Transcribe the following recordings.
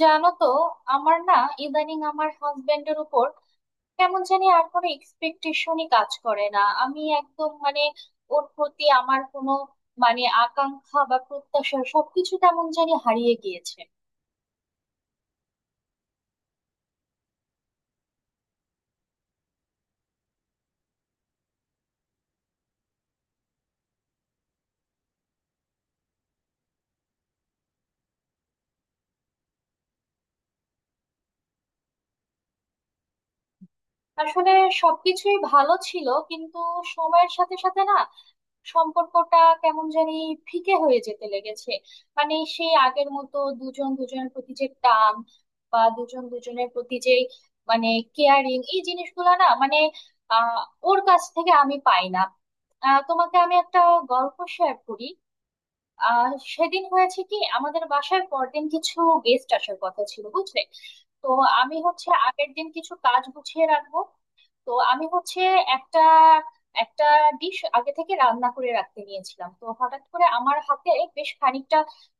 জানো তো, আমার না ইদানিং আমার হাজবেন্ডের উপর কেমন জানি আর কোনো এক্সপেকটেশনই কাজ করে না। আমি একদম মানে ওর প্রতি আমার কোনো মানে আকাঙ্ক্ষা বা প্রত্যাশা সবকিছু কেমন জানি হারিয়ে গিয়েছে। আসলে সবকিছুই ভালো ছিল, কিন্তু সময়ের সাথে সাথে না সম্পর্কটা কেমন জানি ফিকে হয়ে যেতে লেগেছে। মানে সেই আগের মতো দুজন দুজনের প্রতি যে টান বা দুজন দুজনের প্রতি যে মানে কেয়ারিং এই জিনিসগুলো না মানে আহ ওর কাছ থেকে আমি পাই না। তোমাকে আমি একটা গল্প শেয়ার করি। সেদিন হয়েছে কি আমাদের বাসায় পরদিন কিছু গেস্ট আসার কথা ছিল, বুঝলে। তো আমি হচ্ছে আগের দিন কিছু কাজ গুছিয়ে রাখবো। তো আমি হচ্ছে একটা একটা ডিশ আগে থেকে রান্না করে রাখতে নিয়েছিলাম, তো হঠাৎ করে আমার হাতে বেশ খানিকটা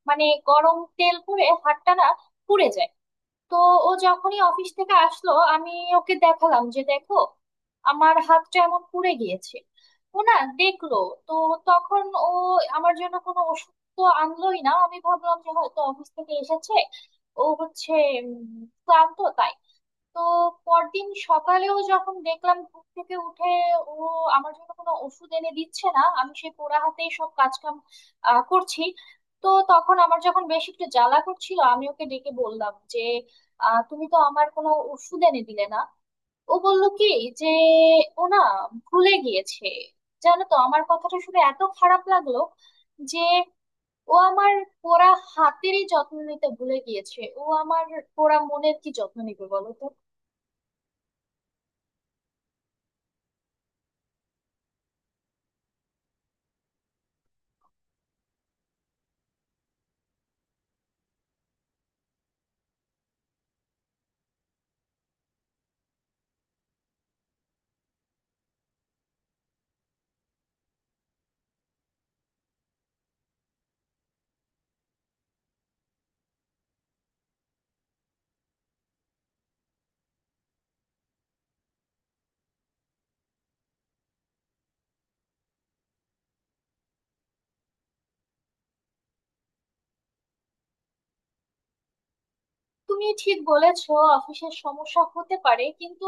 মানে গরম তেল পড়ে হাতটা না পুড়ে যায়। তো ও যখনই অফিস থেকে আসলো, আমি ওকে দেখালাম যে দেখো আমার হাতটা এমন পুড়ে গিয়েছে। ও না দেখলো। তো তখন ও আমার জন্য কোনো ওষুধ তো আনলোই না। আমি ভাবলাম যে হয়তো অফিস থেকে এসেছে, ও হচ্ছে উম, ক্লান্ত তাই। তো পরদিন সকালেও যখন দেখলাম ঘুম থেকে উঠে ও আমার জন্য কোনো ওষুধ এনে দিচ্ছে না, আমি সেই পোড়া হাতেই সব কাজকাম করছি। তো তখন আমার যখন বেশ একটু জ্বালা করছিল আমি ওকে ডেকে বললাম যে তুমি তো আমার কোনো ওষুধ এনে দিলে না। ও বলল কি যে ও না ভুলে গিয়েছে। জানো তো আমার কথাটা শুনে এত খারাপ লাগলো যে ও আমার পোড়া হাতেরই যত্ন নিতে ভুলে গিয়েছে, ও আমার পোড়া মনের কি যত্ন নিবে বলো তো। তুমি ঠিক বলেছো, অফিসের সমস্যা হতে পারে কিন্তু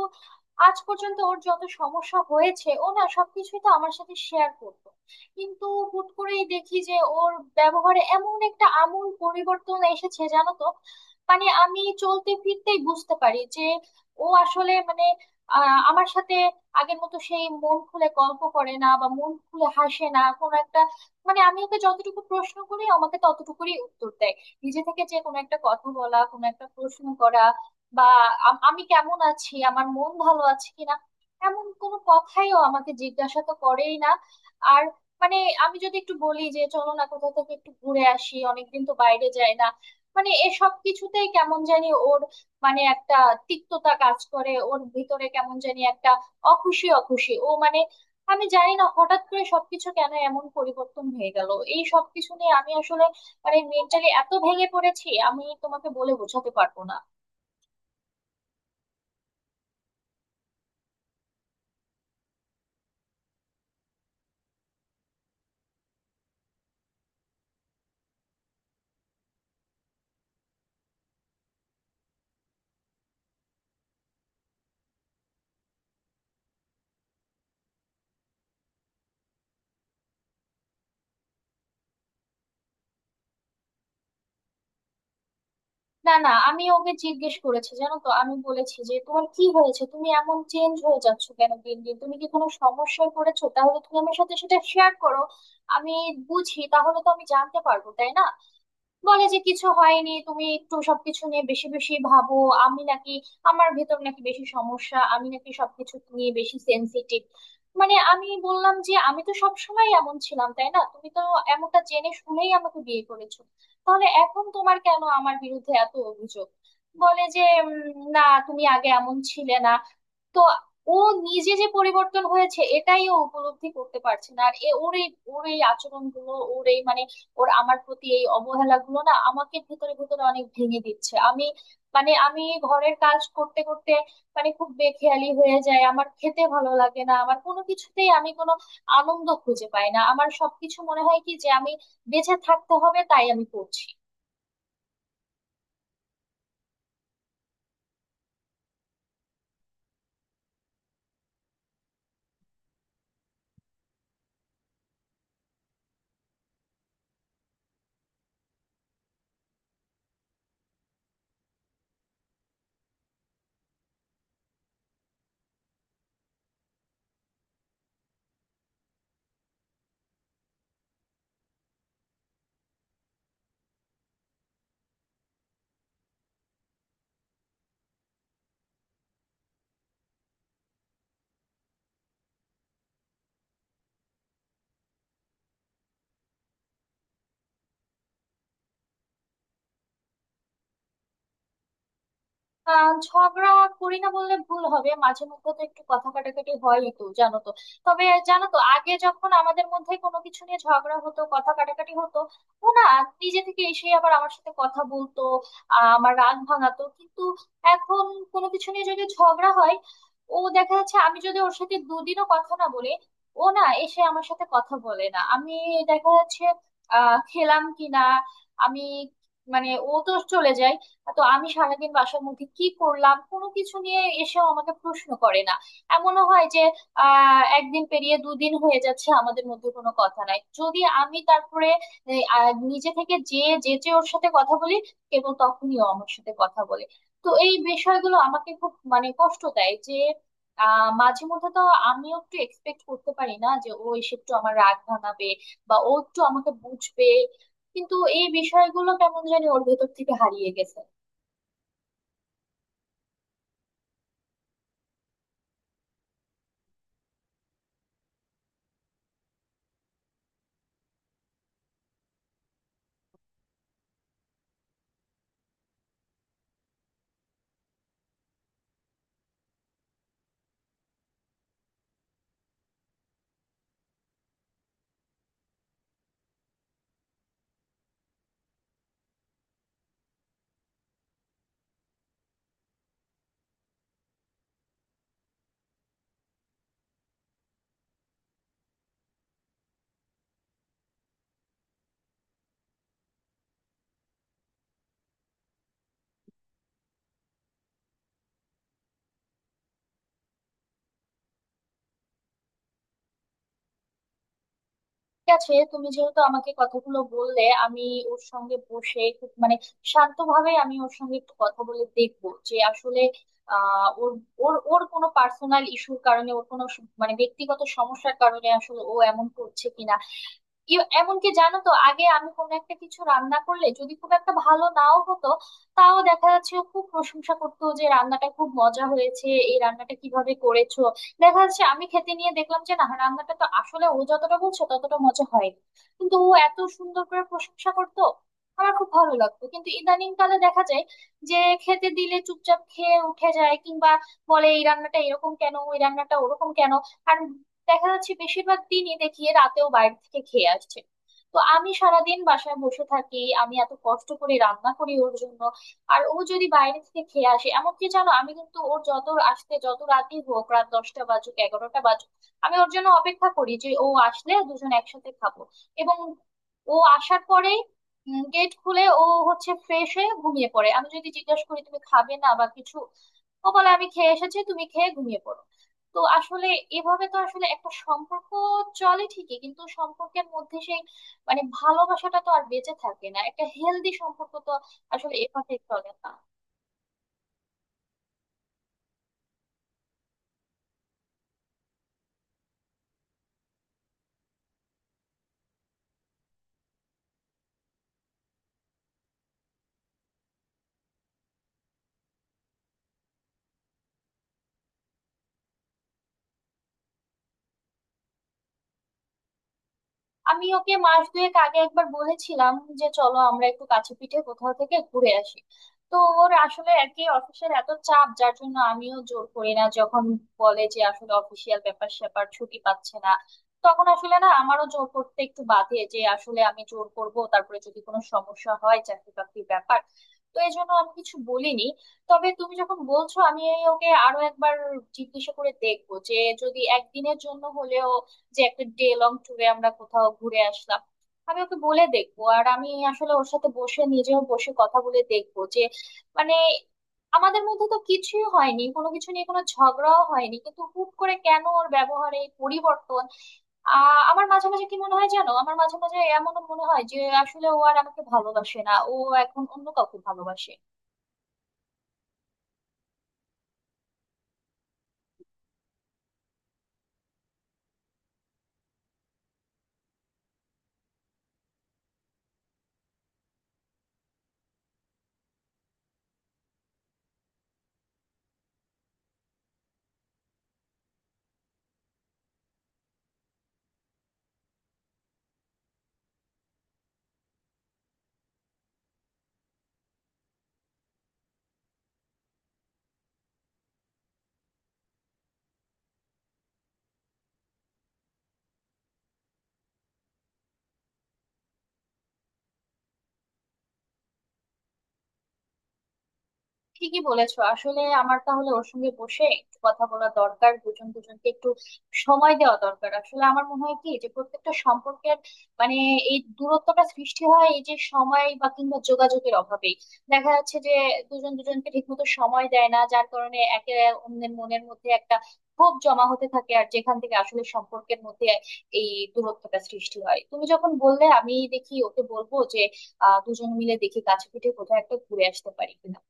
আজ পর্যন্ত ওর যত সমস্যা হয়েছে ও না সবকিছুই তো আমার সাথে শেয়ার করতো। কিন্তু হুট করেই দেখি যে ওর ব্যবহারে এমন একটা আমূল পরিবর্তন এসেছে, জানো তো। মানে আমি চলতে ফিরতেই বুঝতে পারি যে ও আসলে মানে আমার সাথে আগের মতো সেই মন খুলে গল্প করে না বা মন খুলে হাসে না কোনো একটা। মানে আমি ওকে যতটুকু প্রশ্ন করি ও আমাকে ততটুকুই উত্তর দেয়। নিজে থেকে যে কোনো একটা কথা বলা কোনো একটা প্রশ্ন করা বা আমি কেমন আছি আমার মন ভালো আছে কিনা এমন কোনো কথাইও আমাকে জিজ্ঞাসা তো করেই না। আর মানে আমি যদি একটু বলি যে চলো না কোথাও থেকে একটু ঘুরে আসি, অনেকদিন তো বাইরে যায় না, মানে এসব কিছুতেই কেমন জানি ওর মানে একটা তিক্ততা কাজ করে ওর ভিতরে কেমন জানি একটা অখুশি অখুশি ও মানে। আমি জানি না হঠাৎ করে সবকিছু কেন এমন পরিবর্তন হয়ে গেল। এই সবকিছু নিয়ে আমি আসলে মানে মেন্টালি এত ভেঙে পড়েছি আমি তোমাকে বলে বোঝাতে পারবো না। না, না, আমি ওকে জিজ্ঞেস করেছি, জানো তো আমি বলেছি যে তোমার কি হয়েছে তুমি এমন চেঞ্জ হয়ে যাচ্ছ কেন দিন দিন, তুমি কি কোনো সমস্যায় পড়েছো, তাহলে তুমি আমার সাথে সেটা শেয়ার করো, আমি বুঝি, তাহলে তো আমি জানতে পারবো তাই না। বলে যে কিছু হয়নি, তুমি একটু সবকিছু নিয়ে বেশি বেশি ভাবো, আমি নাকি আমার ভেতর নাকি বেশি সমস্যা আমি নাকি সবকিছু নিয়ে বেশি সেনসিটিভ। মানে আমি বললাম যে আমি তো সবসময় এমন ছিলাম তাই না, তুমি তো এমনটা জেনে শুনেই আমাকে বিয়ে করেছো, তাহলে এখন তোমার কেন আমার বিরুদ্ধে এত অভিযোগ। বলে যে না তুমি আগে এমন ছিলে না। তো ও নিজে যে পরিবর্তন হয়েছে এটাই ও উপলব্ধি করতে পারছে না আর ওর এই ওর এই আচরণগুলো ওর এই মানে ওর আমার প্রতি এই অবহেলা গুলো না আমাকে ভেতরে ভেতরে অনেক ভেঙে দিচ্ছে। আমি মানে আমি ঘরের কাজ করতে করতে মানে খুব বেখেয়ালি হয়ে যায়, আমার খেতে ভালো লাগে না, আমার কোনো কিছুতেই আমি কোনো আনন্দ খুঁজে পাই না, আমার সবকিছু মনে হয় কি যে আমি বেঁচে থাকতে হবে তাই আমি করছি। ঝগড়া করি না বললে ভুল হবে, মাঝে মধ্যে তো একটু কথা কাটাকাটি হয়ই তো, জানো তো। তবে জানো তো আগে যখন আমাদের মধ্যে কোনো কিছু নিয়ে ঝগড়া হতো কথা কাটাকাটি হতো, ও না নিজে থেকে এসে আবার আমার সাথে কথা বলতো, আমার রাগ ভাঙাতো, কিন্তু এখন কোনো কিছু নিয়ে যদি ঝগড়া হয়, ও দেখা যাচ্ছে আমি যদি ওর সাথে দুদিনও কথা না বলি ও না এসে আমার সাথে কথা বলে না। আমি দেখা যাচ্ছে খেলাম কিনা আমি মানে ও তো চলে যায়, তো আমি সারাদিন বাসার মধ্যে কি করলাম কোনো কিছু নিয়ে এসেও আমাকে প্রশ্ন করে না। এমনও হয় যে একদিন পেরিয়ে দুদিন হয়ে যাচ্ছে আমাদের মধ্যে কোনো কথা নাই, যদি আমি তারপরে নিজে থেকে যে যেচে ওর সাথে কথা বলি কেবল তখনই ও আমার সাথে কথা বলে। তো এই বিষয়গুলো আমাকে খুব মানে কষ্ট দেয় যে মাঝে মধ্যে তো আমিও একটু এক্সপেক্ট করতে পারি না যে ও এসে একটু আমার রাগ ভাঙাবে বা ও একটু আমাকে বুঝবে, কিন্তু এই বিষয়গুলো কেমন জানি ওর ভেতর থেকে হারিয়ে গেছে। ঠিক আছে, তুমি যেহেতু আমাকে কথাগুলো বললে, আমি ওর সঙ্গে বসে খুব মানে শান্তভাবে আমি ওর সঙ্গে একটু কথা বলে দেখবো যে আসলে ওর ওর ওর কোনো পার্সোনাল ইস্যুর কারণে ওর কোনো মানে ব্যক্তিগত সমস্যার কারণে আসলে ও এমন করছে কিনা। এমনকি জানো তো আগে আমি কোনো একটা কিছু রান্না করলে যদি খুব একটা ভালো নাও হতো, তাও দেখা যাচ্ছে ও খুব প্রশংসা করতো যে রান্নাটা খুব মজা হয়েছে এই রান্নাটা কিভাবে করেছো। দেখা যাচ্ছে আমি খেতে নিয়ে দেখলাম যে না রান্নাটা তো আসলে ও যতটা বলছে ততটা মজা হয়নি, কিন্তু ও এত সুন্দর করে প্রশংসা করতো আমার খুব ভালো লাগতো। কিন্তু ইদানিং কালে দেখা যায় যে খেতে দিলে চুপচাপ খেয়ে উঠে যায় কিংবা বলে এই রান্নাটা এরকম কেন ওই রান্নাটা ওরকম কেন। আর দেখা যাচ্ছে বেশিরভাগ দিনই দেখি রাতেও বাইরে থেকে খেয়ে আসছে, তো আমি সারাদিন বাসায় বসে থাকি আমি এত কষ্ট করে রান্না করি ওর জন্য আর ও যদি বাইরে থেকে খেয়ে আসে। এমনকি জানো আমি কিন্তু ওর যত আসতে যত রাতই হোক, রাত 10টা বাজুক 11টা বাজুক, আমি ওর জন্য অপেক্ষা করি যে ও আসলে দুজন একসাথে খাবো। এবং ও আসার পরে গেট খুলে ও হচ্ছে ফ্রেশ হয়ে ঘুমিয়ে পড়ে, আমি যদি জিজ্ঞাসা করি তুমি খাবে না বা কিছু, ও বলে আমি খেয়ে এসেছি তুমি খেয়ে ঘুমিয়ে পড়ো। তো আসলে এভাবে তো আসলে একটা সম্পর্ক চলে ঠিকই কিন্তু সম্পর্কের মধ্যে সেই মানে ভালোবাসাটা তো আর বেঁচে থাকে না, একটা হেলদি সম্পর্ক তো আসলে এভাবে চলে না। আমি ওকে মাস দুয়েক আগে একবার বলেছিলাম যে চলো আমরা একটু কাছে পিঠে কোথাও থেকে ঘুরে আসি। তো ওর আসলে আর কি অফিসের এত চাপ যার জন্য আমিও জোর করি না, যখন বলে যে আসলে অফিসিয়াল ব্যাপার স্যাপার ছুটি পাচ্ছে না, তখন আসলে না আমারও জোর করতে একটু বাধে যে আসলে আমি জোর করব তারপরে যদি কোনো সমস্যা হয় চাকরি বাকরির ব্যাপার। তো এই জন্য আমি কিছু বলিনি। তবে তুমি যখন বলছো আমি ওকে আরো একবার জিজ্ঞাসা করে দেখবো যে যদি একদিনের জন্য হলেও যে একটা ডে লং ট্যুরে আমরা কোথাও ঘুরে আসলাম। আমি ওকে বলে দেখবো আর আমি আসলে ওর সাথে বসে নিজেও বসে কথা বলে দেখবো যে মানে আমাদের মধ্যে তো কিছুই হয়নি কোনো কিছু নিয়ে কোনো ঝগড়াও হয়নি কিন্তু হুট করে কেন ওর ব্যবহারে এই পরিবর্তন। আমার মাঝে মাঝে কি মনে হয় জানো, আমার মাঝে মাঝে এমন মনে হয় যে আসলে ও আর আমাকে ভালোবাসে না, ও এখন অন্য কাউকে ভালোবাসে। ঠিকই বলেছো, আসলে আমার তাহলে ওর সঙ্গে বসে একটু কথা বলা দরকার, দুজন দুজনকে একটু সময় দেওয়া দরকার। আসলে আমার মনে হয় কি যে প্রত্যেকটা সম্পর্কের মানে এই দূরত্বটা সৃষ্টি হয় এই যে সময় বা কিংবা যোগাযোগের অভাবেই। দেখা যাচ্ছে যে দুজন দুজনকে ঠিকমতো সময় দেয় না যার কারণে একে অন্যের মনের মধ্যে একটা ক্ষোভ জমা হতে থাকে আর যেখান থেকে আসলে সম্পর্কের মধ্যে এই দূরত্বটা সৃষ্টি হয়। তুমি যখন বললে আমি দেখি ওকে বলবো যে দুজন মিলে দেখি কাছে পিঠে কোথাও একটা ঘুরে আসতে পারি কিনা।